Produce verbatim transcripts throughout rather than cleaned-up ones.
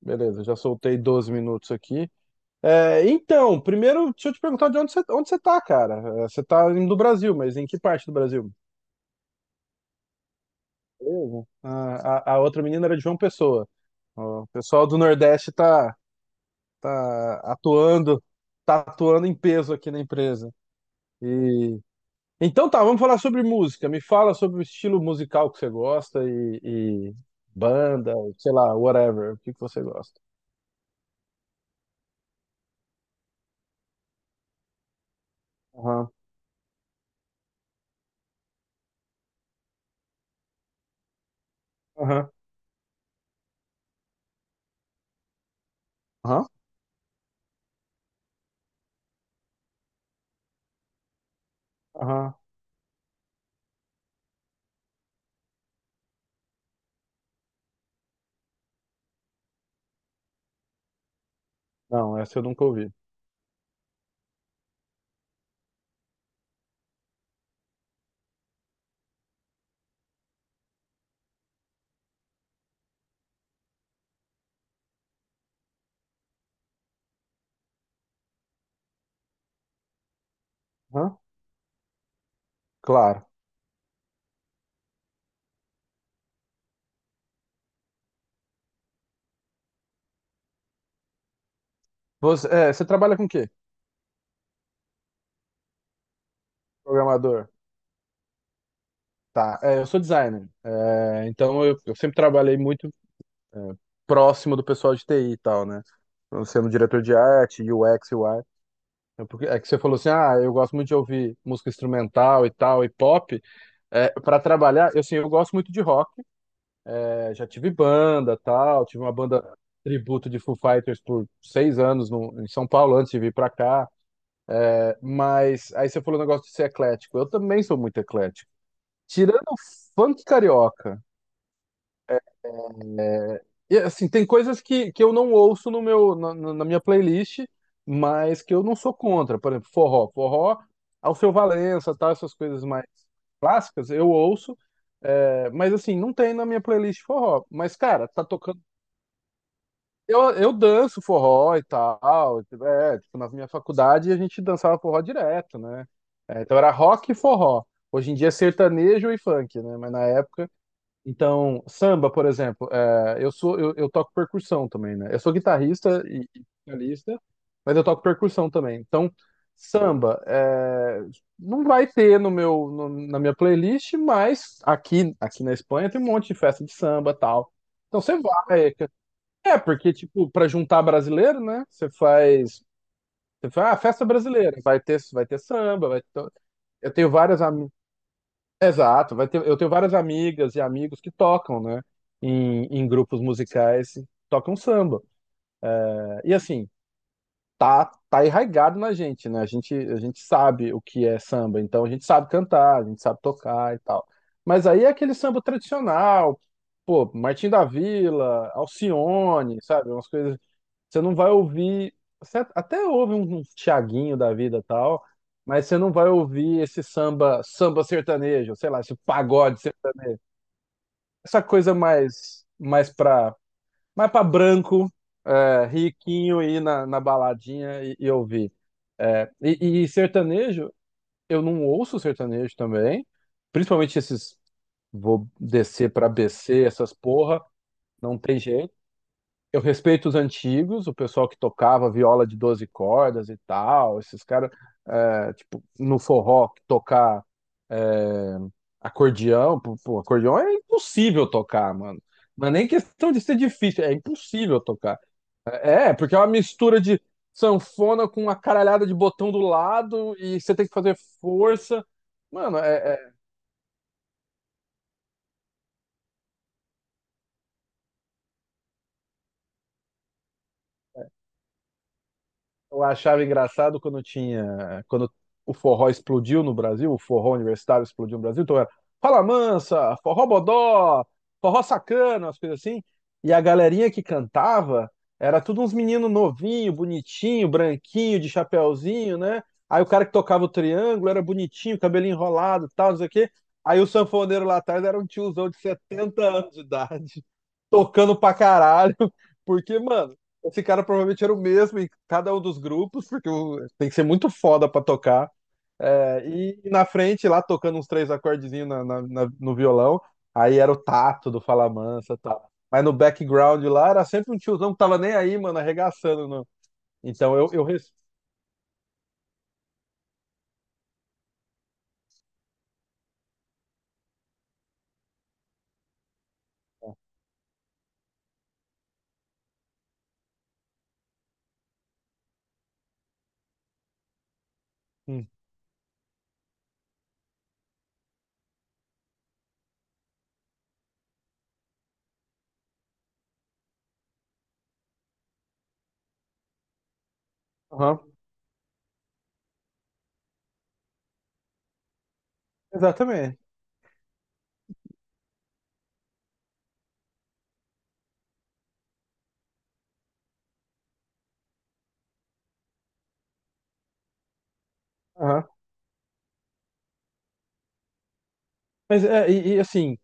Beleza, já soltei doze minutos aqui. É, então, primeiro, deixa eu te perguntar de onde você, onde você tá, cara. É, Você tá indo do Brasil, mas em que parte do Brasil? Beleza. Ah, A, a outra menina era de João Pessoa. Ó, O pessoal do Nordeste tá, tá atuando, tá atuando em peso aqui na empresa. E então tá, vamos falar sobre música. Me fala sobre o estilo musical que você gosta e, e banda, sei lá, whatever, o que que você gosta. Aham, aham, aham, aham. Não, essa eu nunca ouvi. Claro. Você, é, você trabalha com o quê? Programador. Tá. É, eu sou designer. É, então eu, eu sempre trabalhei muito é, próximo do pessoal de T I e tal, né? Eu sendo diretor de arte, U X, U I. É porque- é que você falou assim, ah, eu gosto muito de ouvir música instrumental e tal, e pop. É, para trabalhar, eu, assim, eu gosto muito de rock. É, já tive banda, tal, tive uma banda tributo de Foo Fighters por seis anos no- em São Paulo antes de vir pra cá. É, Mas aí você falou o negócio de ser eclético. Eu também sou muito eclético. Tirando o funk carioca, e, assim, tem coisas que, que eu não ouço no meu, na, na- na minha playlist, mas que eu não sou contra. Por exemplo, forró. Forró, Alceu Valença, tá? Essas coisas mais clássicas, eu ouço. É, mas assim, não tem na minha playlist forró. Mas, cara, tá tocando. Eu, eu danço forró e tal. É, tipo, na minha faculdade a gente dançava forró direto, né? É, então era rock e forró. Hoje em dia é sertanejo e funk, né? Mas na época então, samba, por exemplo, é, eu sou eu, eu toco percussão também, né? Eu sou guitarrista e e vocalista, mas eu toco percussão também. Então, samba é, não vai ter no meu no- na minha playlist, mas aqui aqui na Espanha tem um monte de festa de samba, tal. Então você vai, é porque tipo para juntar brasileiro, né? Você faz Você faz, ah, festa brasileira, vai ter, vai ter samba, vai ter... Eu tenho vários exato, vai ter, eu tenho várias amigas e amigos que tocam, né, em, em grupos musicais, tocam samba. É, e assim, tá, tá arraigado na gente, né? A gente, a gente sabe o que é samba, então a gente sabe cantar, a gente sabe tocar e tal. Mas aí é aquele samba tradicional, pô, Martim da Vila, Alcione, sabe? Umas coisas. Você não vai ouvir. Você até ouve um, um Thiaguinho da vida e tal, mas você não vai ouvir esse samba, samba sertanejo, sei lá, esse pagode essa coisa mais mais pra, mais pra branco, é, riquinho, ir na, na baladinha e, e ouvir. É, e, e sertanejo, eu não ouço sertanejo também, principalmente esses, vou descer pra B C, essas porra, não tem jeito. Eu respeito os antigos, o pessoal que tocava viola de doze cordas e tal, esses caras, é, tipo, no forró, que tocar é, acordeão, pô, pô, acordeão é impossível tocar, mano. Não é nem questão de ser difícil, é impossível tocar. É, porque é uma mistura de sanfona com uma caralhada de botão do lado e você tem que fazer força. Mano, é, é, eu achava engraçado quando tinha, quando o forró explodiu no Brasil, o forró universitário explodiu no Brasil, então era Fala Mansa, Forró Bodó, Forró Sacana, as coisas assim. E a galerinha que cantava era tudo uns meninos novinho, bonitinho, branquinho, de chapéuzinho, né? Aí o cara que tocava o triângulo era bonitinho, cabelinho enrolado, e tal, não sei o quê. Aí o sanfoneiro lá atrás era um tiozão de setenta anos de idade, tocando pra caralho. Porque, mano, esse cara provavelmente era o mesmo em cada um dos grupos, porque o- tem que ser muito foda pra tocar. É, e na frente, lá tocando uns três acordezinhos na- na- na- no violão, aí era o Tato do Fala Mansa e tal. Mas no background lá era sempre um tiozão que tava nem aí, mano, arregaçando. no- Então eu, eu res- Hum. Aham. Exatamente. Aham. Mas é, e, e, assim,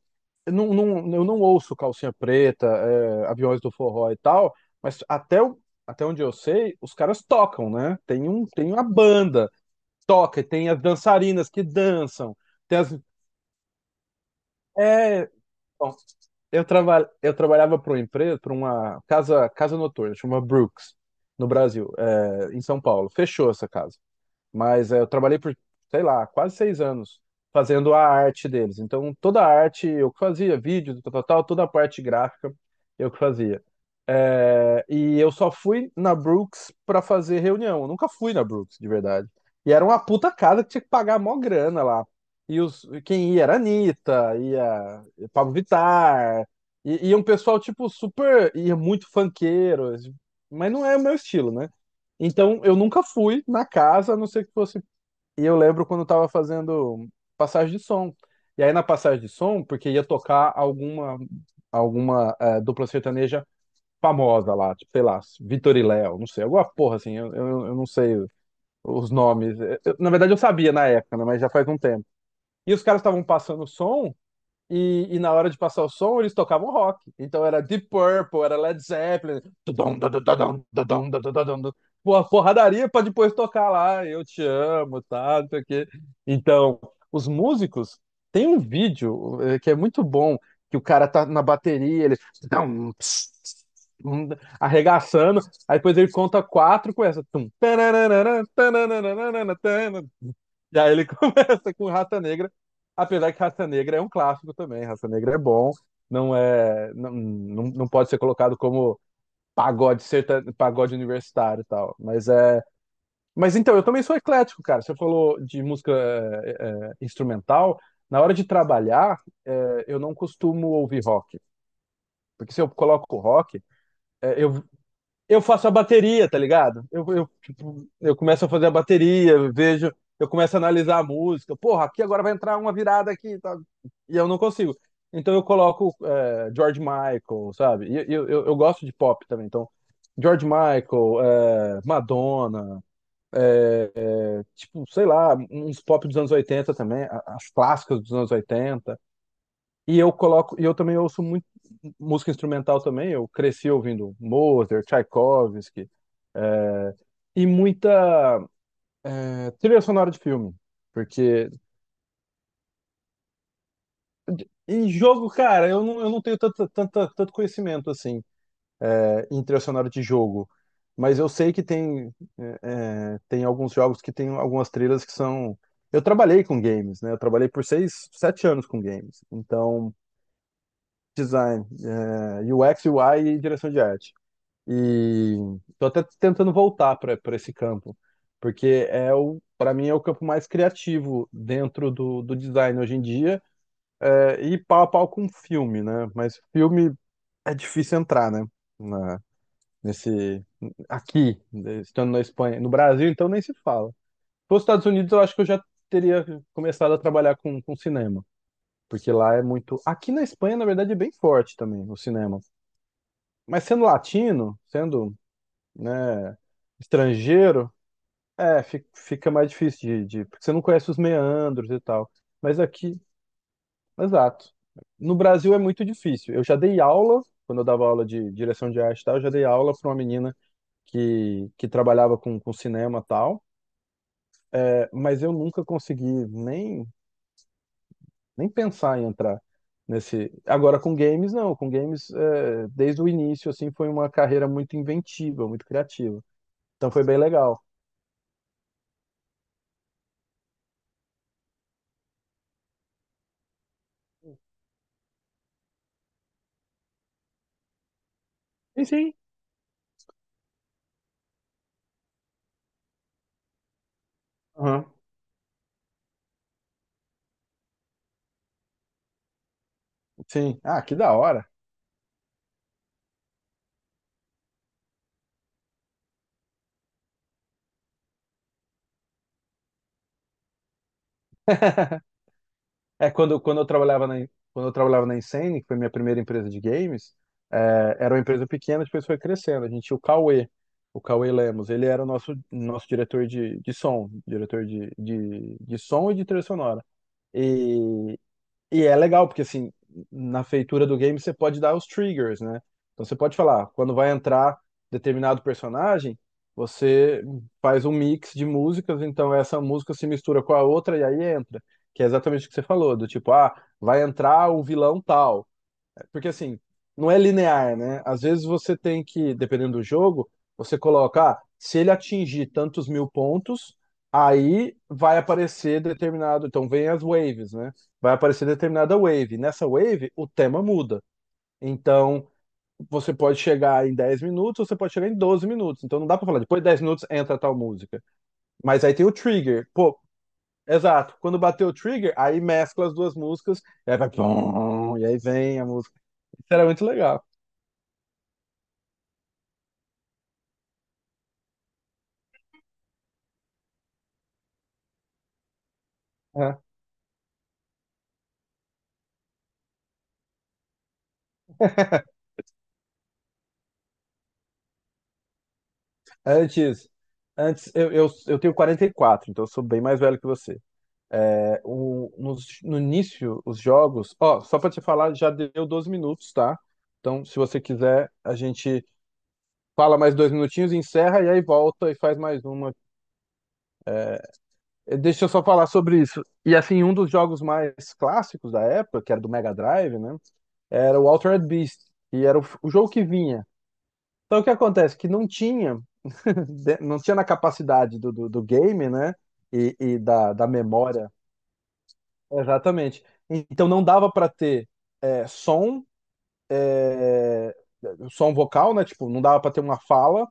eu não, não- eu não ouço Calcinha Preta, é, Aviões do Forró e tal, mas até, o- até onde eu sei, os caras tocam, né? Tem um, tem uma banda. Toca, tem as dançarinas que dançam, tem as. É. Bom, eu, traba... eu trabalhava para uma empresa, para uma casa, casa noturna, chama Brooks, no Brasil, é, em São Paulo. Fechou essa casa. Mas é, eu trabalhei por, sei lá, quase seis anos fazendo a arte deles. Então, toda a arte eu que fazia, vídeos, tal, tal, tal, toda a parte gráfica eu que fazia. É, e eu só fui na Brooks pra fazer reunião. Eu nunca fui na Brooks, de verdade. E era uma puta casa que tinha que pagar mó grana lá. E os, quem ia era a Anitta, ia Pablo Vittar, e, e um pessoal, tipo, super. Ia muito funkeiro, mas não é o meu estilo, né? Então, eu nunca fui na casa, a não ser que fosse. E eu lembro quando eu tava fazendo passagem de som. E aí, na passagem de som, porque ia tocar alguma, alguma eh, dupla sertaneja famosa lá, tipo, sei lá, Vitor e Léo, não sei, alguma porra assim, eu, eu, eu não sei os nomes. Eu- eu- na verdade, eu sabia na época, né, mas já faz um tempo. E os caras estavam passando o som. E, e na hora de passar o som, eles tocavam rock. Então era Deep Purple, era Led Zeppelin. Tudum, tudum, tudum, tudum, tudum, tudum, tudum. Porra, porradaria pra depois tocar lá, eu te amo, tá? Não sei o quê. Então, os músicos tem um vídeo eh, que é muito bom, que o cara tá na bateria, ele tudum, ps, ps, tum, arregaçando, aí depois ele conta quatro com essa. Tum, tarararara, tarararara, tarararara. E aí ele começa com Rata Negra. Apesar que Raça Negra é um clássico também, Raça Negra é bom, não é, não, não, não pode ser colocado como pagode serta, pagode universitário e tal, mas é, mas então eu também sou eclético, cara. Você falou de música é, é, instrumental, na hora de trabalhar, é, eu não costumo ouvir rock, porque se eu coloco rock, é, eu, eu faço a bateria, tá ligado? Eu, eu, tipo, eu começo a fazer a bateria, eu vejo, eu começo a analisar a música. Porra, aqui agora vai entrar uma virada aqui, tá? E eu não consigo. Então eu coloco é, George Michael, sabe? E eu, eu, eu gosto de pop também, então George Michael, é, Madonna, é, tipo, sei lá, uns pop dos anos oitenta também, a- as clássicas dos anos oitenta. E eu coloco, e eu também ouço muito música instrumental também. Eu cresci ouvindo Mozart, Tchaikovsky e muita é, trilha sonora de filme. Porque em jogo, cara, eu não, eu não tenho tanto, tanto, tanto conhecimento assim é, em trilha sonora de jogo. Mas eu sei que tem, é, é, tem alguns jogos que tem algumas trilhas que são. Eu trabalhei com games, né? Eu trabalhei por seis, sete anos com games. Então, design, é, U X, U I e direção de arte. E tô até tentando voltar para para esse campo, porque é o, para mim é o campo mais criativo dentro do, do design hoje em dia. É, e pau a pau com filme, né? Mas filme é difícil entrar, né? Na- nesse, aqui, né, estando na Espanha. No Brasil, então, nem se fala. Nos Estados Unidos, eu acho que eu já teria começado a trabalhar com, com cinema. Porque lá é muito. Aqui na Espanha, na verdade, é bem forte também o cinema. Mas sendo latino, sendo, né, estrangeiro, é, fi- fica mais difícil de, de. Porque você não conhece os meandros e tal. Mas aqui, exato. No Brasil é muito difícil. Eu já dei aula, quando eu dava aula de direção de arte e tal, eu já dei aula para uma menina que, que trabalhava com, com cinema e tal, é, mas eu nunca consegui nem, nem pensar em entrar nesse. Agora com games, não. Com games, é, desde o início, assim, foi uma carreira muito inventiva, muito criativa. Então foi bem legal. Sim, sim. Aham. Sim. Ah, que da hora. É, quando, quando eu trabalhava na, quando eu trabalhava na Insane, que foi minha primeira empresa de games, é, era uma empresa pequena, depois foi crescendo. A gente tinha o Cauê, o Cauê Lemos, ele era o nosso, nosso diretor de, de som, diretor de, de, de som e de trilha sonora. E e é legal, porque assim, na feitura do game você pode dar os triggers, né? Então você pode falar, quando vai entrar determinado personagem, você faz um mix de músicas, então essa música se mistura com a outra e aí entra. Que é exatamente o que você falou, do tipo, ah, vai entrar o vilão tal. Porque assim, não é linear, né? Às vezes você tem que, dependendo do jogo, você coloca, ah, se ele atingir tantos mil pontos, aí vai aparecer determinado. Então vem as waves, né? Vai aparecer determinada wave. Nessa wave, o tema muda. Então você pode chegar em dez minutos, você pode chegar em doze minutos. Então não dá pra falar, depois de dez minutos entra tal música. Mas aí tem o trigger. Pô, exato. Quando bateu o trigger, aí mescla as duas músicas, e aí vai. Pum, e aí vem a música. Isso era muito legal. Antes, antes eu, eu, eu tenho quarenta e quatro, então eu sou bem mais velho que você. É, o, nos- no início, os jogos. Ó, só pra te falar, já deu doze minutos, tá? Então, se você quiser, a gente fala mais dois minutinhos, encerra e aí volta e faz mais uma. Eh, deixa eu só falar sobre isso. E assim, um dos jogos mais clássicos da época, que era do Mega Drive, né? Era o Altered Beast, e era o, f- o jogo que vinha. Então, o que acontece? Que não tinha. De- não tinha na capacidade do, do, do game, né? E, e da, da memória. Exatamente. Então não dava para ter é, som, é, som vocal, né? Tipo, não dava para ter uma fala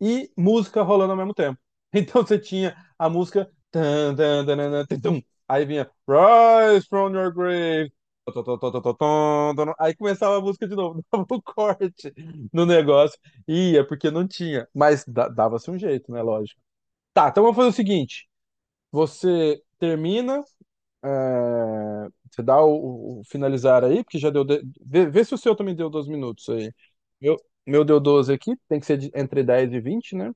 e música rolando ao mesmo tempo. Então você tinha a música. Tan, tan, tan, tan, tan, tum. Aí vinha Rise from your grave. Tó, tó, tó, tó, tó, tó, tó, tó. Aí começava a música de novo, dava um corte no negócio. E ia, porque não tinha. Mas da- dava-se um jeito, né? Lógico. Tá, então vamos fazer o seguinte. Você termina, é, você dá o, o finalizar aí, porque já deu. de- Vê, vê se o seu também deu doze minutos aí. Meu, meu deu doze aqui, tem que ser de- entre dez e vinte, né?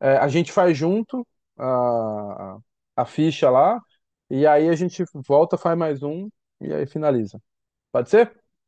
É, a gente faz junto a, a ficha lá, e aí a gente volta, faz mais um, e aí finaliza. Pode ser?